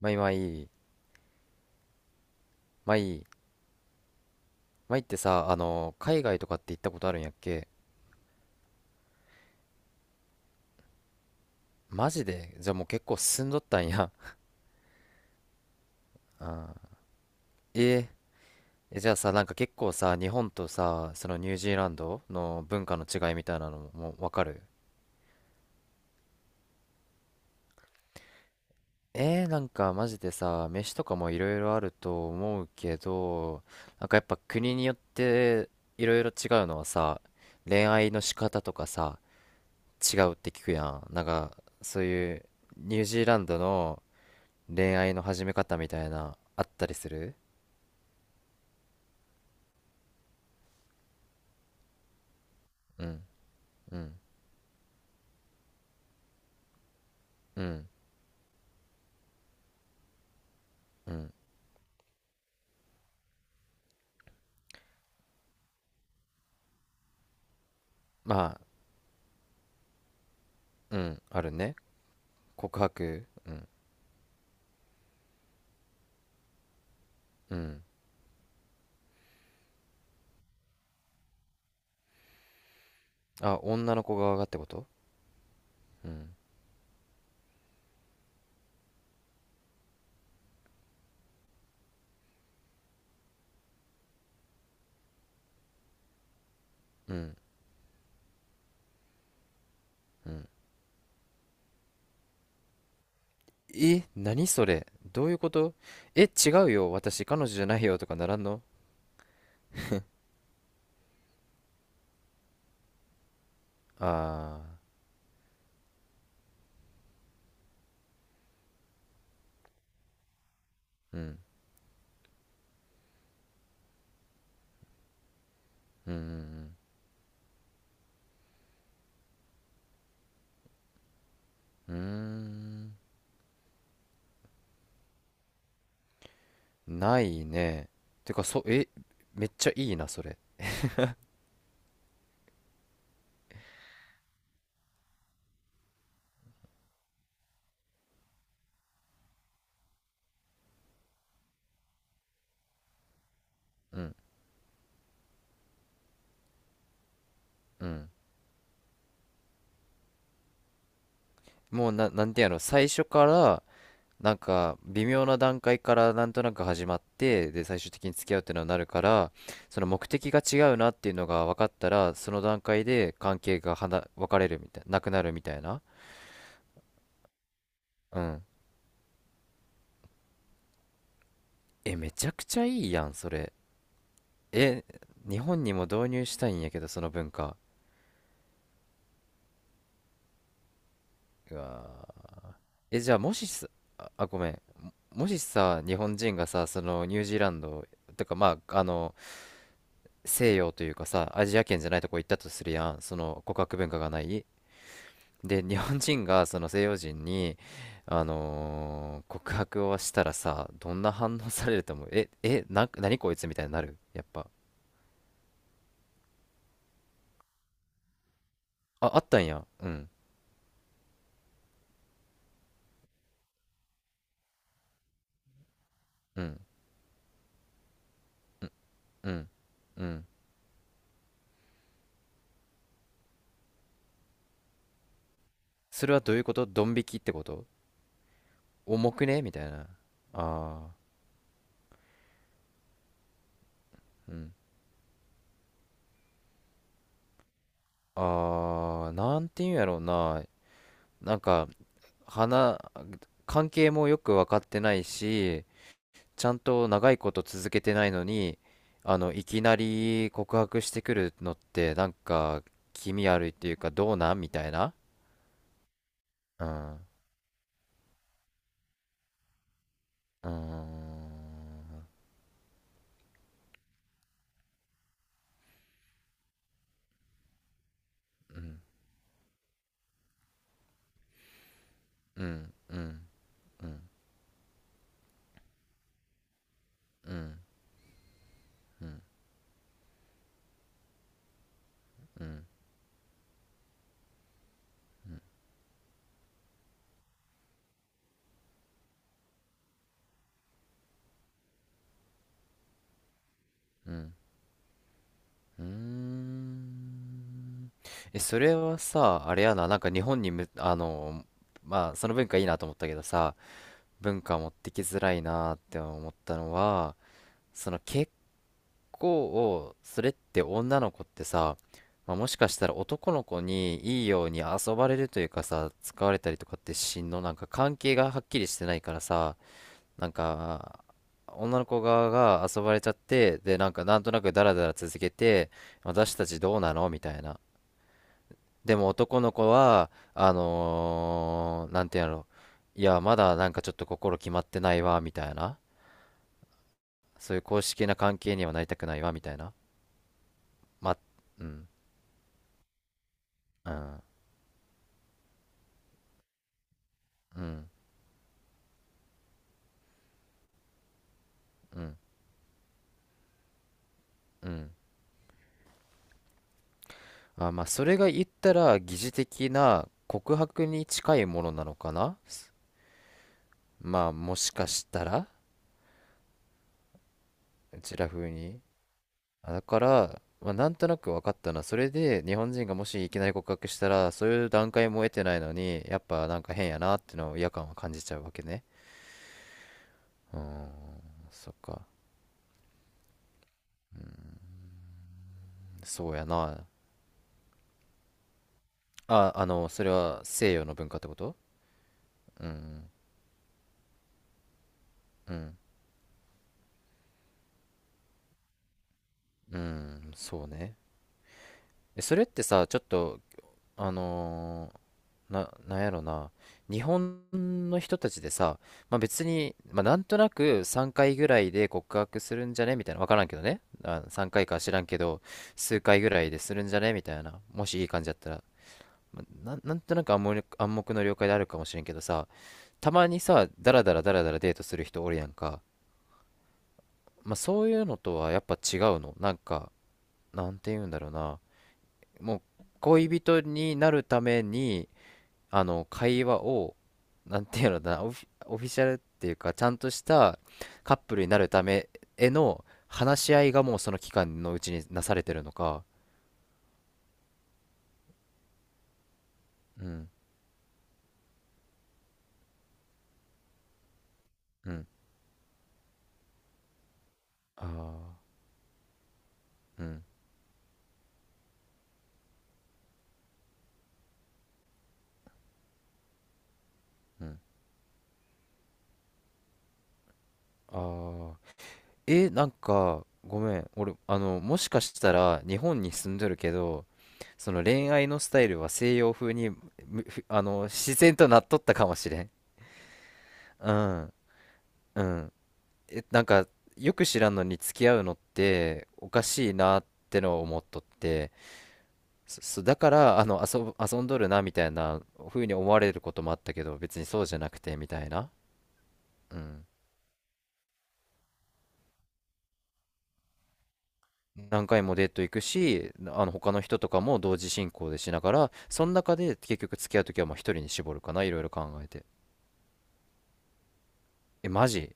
まいまい、まい、まいってさ、海外とかって行ったことあるんやっけ？マジでじゃあもう結構進んどったんや。えじゃあさ、なんか結構さ、日本とさ、そのニュージーランドの文化の違いみたいなのももうわかる？なんかマジでさ、飯とかもいろいろあると思うけど、なんかやっぱ国によっていろいろ違うのはさ、恋愛の仕方とかさ、違うって聞くやん。なんか、そういうニュージーランドの恋愛の始め方みたいなあったりする？うん。うん。うん。うん。まあ。うん。あるね。告白。うん。うん。あ、女の子側がってこと？うん。うん。うん。え、何それ、どういうこと？え、違うよ、私彼女じゃないよ、とかならんの？ああー。うん。うん。うん。うん。うーん、ないね。てか、めっちゃいいなそれ。うん。うん。もうなんてやろ、最初から、なんか微妙な段階からなんとなく始まって、で最終的に付き合うっていうのになるから、その目的が違うなっていうのが分かったらその段階で関係が別れるみたいな、なくなるみたいな。うん。え、めちゃくちゃいいやんそれ。え、日本にも導入したいんやけど、その文化。うわー。え、じゃあもしさ、ああ、ごめん、もしさ、日本人がさ、そのニュージーランドとか、まあ西洋というかさ、アジア圏じゃないとこ行ったとするやん、その告白文化がない。で、日本人がその西洋人に、告白をしたらさ、どんな反応されると思う？何こいつみたいになるやっぱ。あ、あったんや。うん、うん、うん、うん。それはどういうこと？ドン引きってこと？重くねみたいな。ああ、うん。ああ、なんていうんやろうな。なんか、花、関係もよく分かってないし、ちゃんと長いこと続けてないのに、いきなり告白してくるのって、なんか、気味悪いっていうか、どうなんみたいな。うん。うん。うん。うん。うん。うん。うん。うん。うん。うん。うーん。え、それはさ、あれやな、なんか日本にむ、あの、まあ、その文化いいなと思ったけどさ、文化持ってきづらいなって思ったのは、結構、それって女の子ってさ、まあ、もしかしたら男の子にいいように遊ばれるというかさ、使われたりとかってしんの、なんか関係がはっきりしてないからさ、なんか、女の子側が遊ばれちゃって、で、なんかなんとなくダラダラ続けて、私たちどうなのみたいな。でも男の子は、なんていうんやろ、いや、まだなんかちょっと心決まってないわ、みたいな。そういう公式な関係にはなりたくないわ、みたいな。ま、うん、うん。うん。うん。うん。あ、まあ、それが言ったら疑似的な告白に近いものなのかな。まあもしかしたら。うちら風に。あ、だから、まあ、なんとなく分かったな。それで日本人がもしいきなり告白したら、そういう段階も得てないのに、やっぱなんか変やなっていうのを、違和感は感じちゃうわけね。うーん。そっか。そうやな。あ、それは西洋の文化ってこと？うん。うん。うん。そうね。え、それってさ、ちょっとあのーなんやろな、日本の人たちでさ、まあ別に、まあなんとなく3回ぐらいで告白するんじゃねみたいな、わからんけどね。あ、3回かいか知らんけど、数回ぐらいでするんじゃねみたいな、もしいい感じだったら、まあなんとなく暗黙の了解であるかもしれんけどさ、たまにさ、ダラダラダラダラデートする人おるやんか、まあそういうのとはやっぱ違うの、なんか、なんて言うんだろうな、もう恋人になるために、あの会話をなんていうのだな、オフィシャルっていうかちゃんとしたカップルになるためへの話し合いがもうその期間のうちになされてるのか？うん。うん。ああー。うん。うん。ああー。え、なんか、ごめん、俺もしかしたら日本に住んどるけど、その恋愛のスタイルは西洋風にむふあの自然となっとったかもしれん。うん。うん。え、なんか、よく知らんのに付き合うのっておかしいなってのを思っとって、そだから、遊んどるなみたいな風に思われることもあったけど、別にそうじゃなくてみたいな。うん。何回もデート行くし、他の人とかも同時進行でしながら、その中で結局付き合うときはもう一人に絞るかな、いろいろ考えて。え、マジ？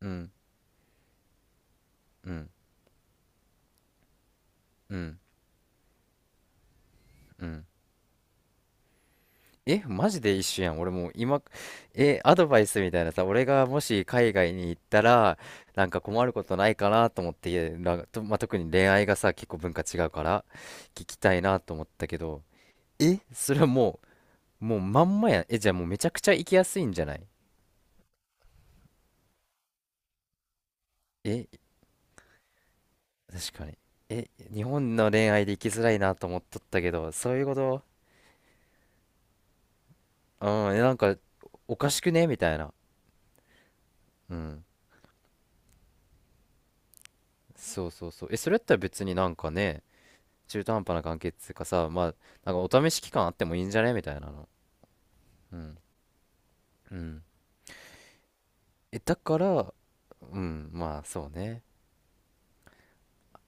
うん、うん、うん、うん。え、マジで一緒やん。俺もう今、え、アドバイスみたいなさ、俺がもし海外に行ったら、なんか困ることないかなと思って、なんかと、まあ、特に恋愛がさ、結構文化違うから、聞きたいなと思ったけど、え、それはもうまんまやん。え、じゃあもうめちゃくちゃ行きやすいんじゃない？え、確かに。え、日本の恋愛で行きづらいなと思っとったけど、そういうこと？うん。え、なんか、おかしくねみたいな。うん。そうそうそう。え、それやったら別になんかね、中途半端な関係っつうかさ、まあ、なんかお試し期間あってもいいんじゃねみたいなの。うん。うん。え、だから、うん、まあ、そうね。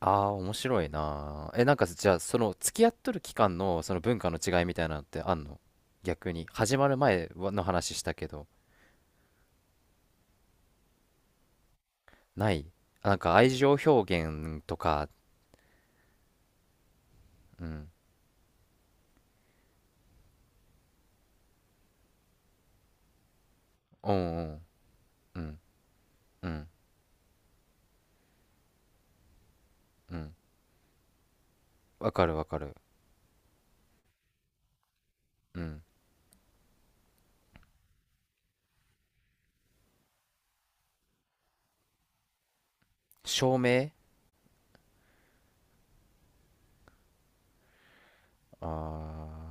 ああー、面白いな。え、なんか、じゃあ、付き合っとる期間の、その文化の違いみたいなのってあんの？逆に。始まる前はの話したけど、ない？なんか、愛情表現とか、うん。うん。うん。うん。うん。うん。わかるわかる。うん。証明。ああー。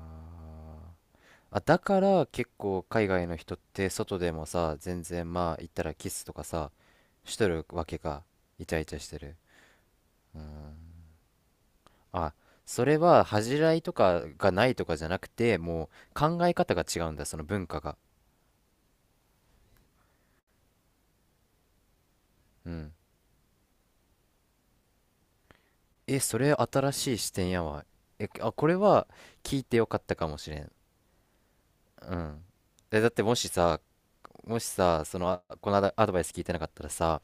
あ、だから結構海外の人って外でもさ、全然まあ言ったらキスとかさ、しとるわけか。イチャイチャしてる。あ、それは恥じらいとかがないとかじゃなくて、もう考え方が違うんだ、その文化が。うん。え、それ新しい視点やわ。え、あ、これは聞いてよかったかもしれん。うん。え、だってもしさ、その、あ、このアドバイス聞いてなかったらさ、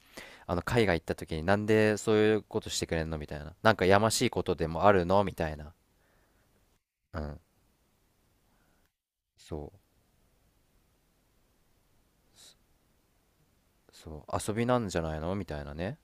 海外行った時になんでそういうことしてくれんのみたいな。なんかやましいことでもあるのみたいな。うん。そう。そう。遊びなんじゃないのみたいなね。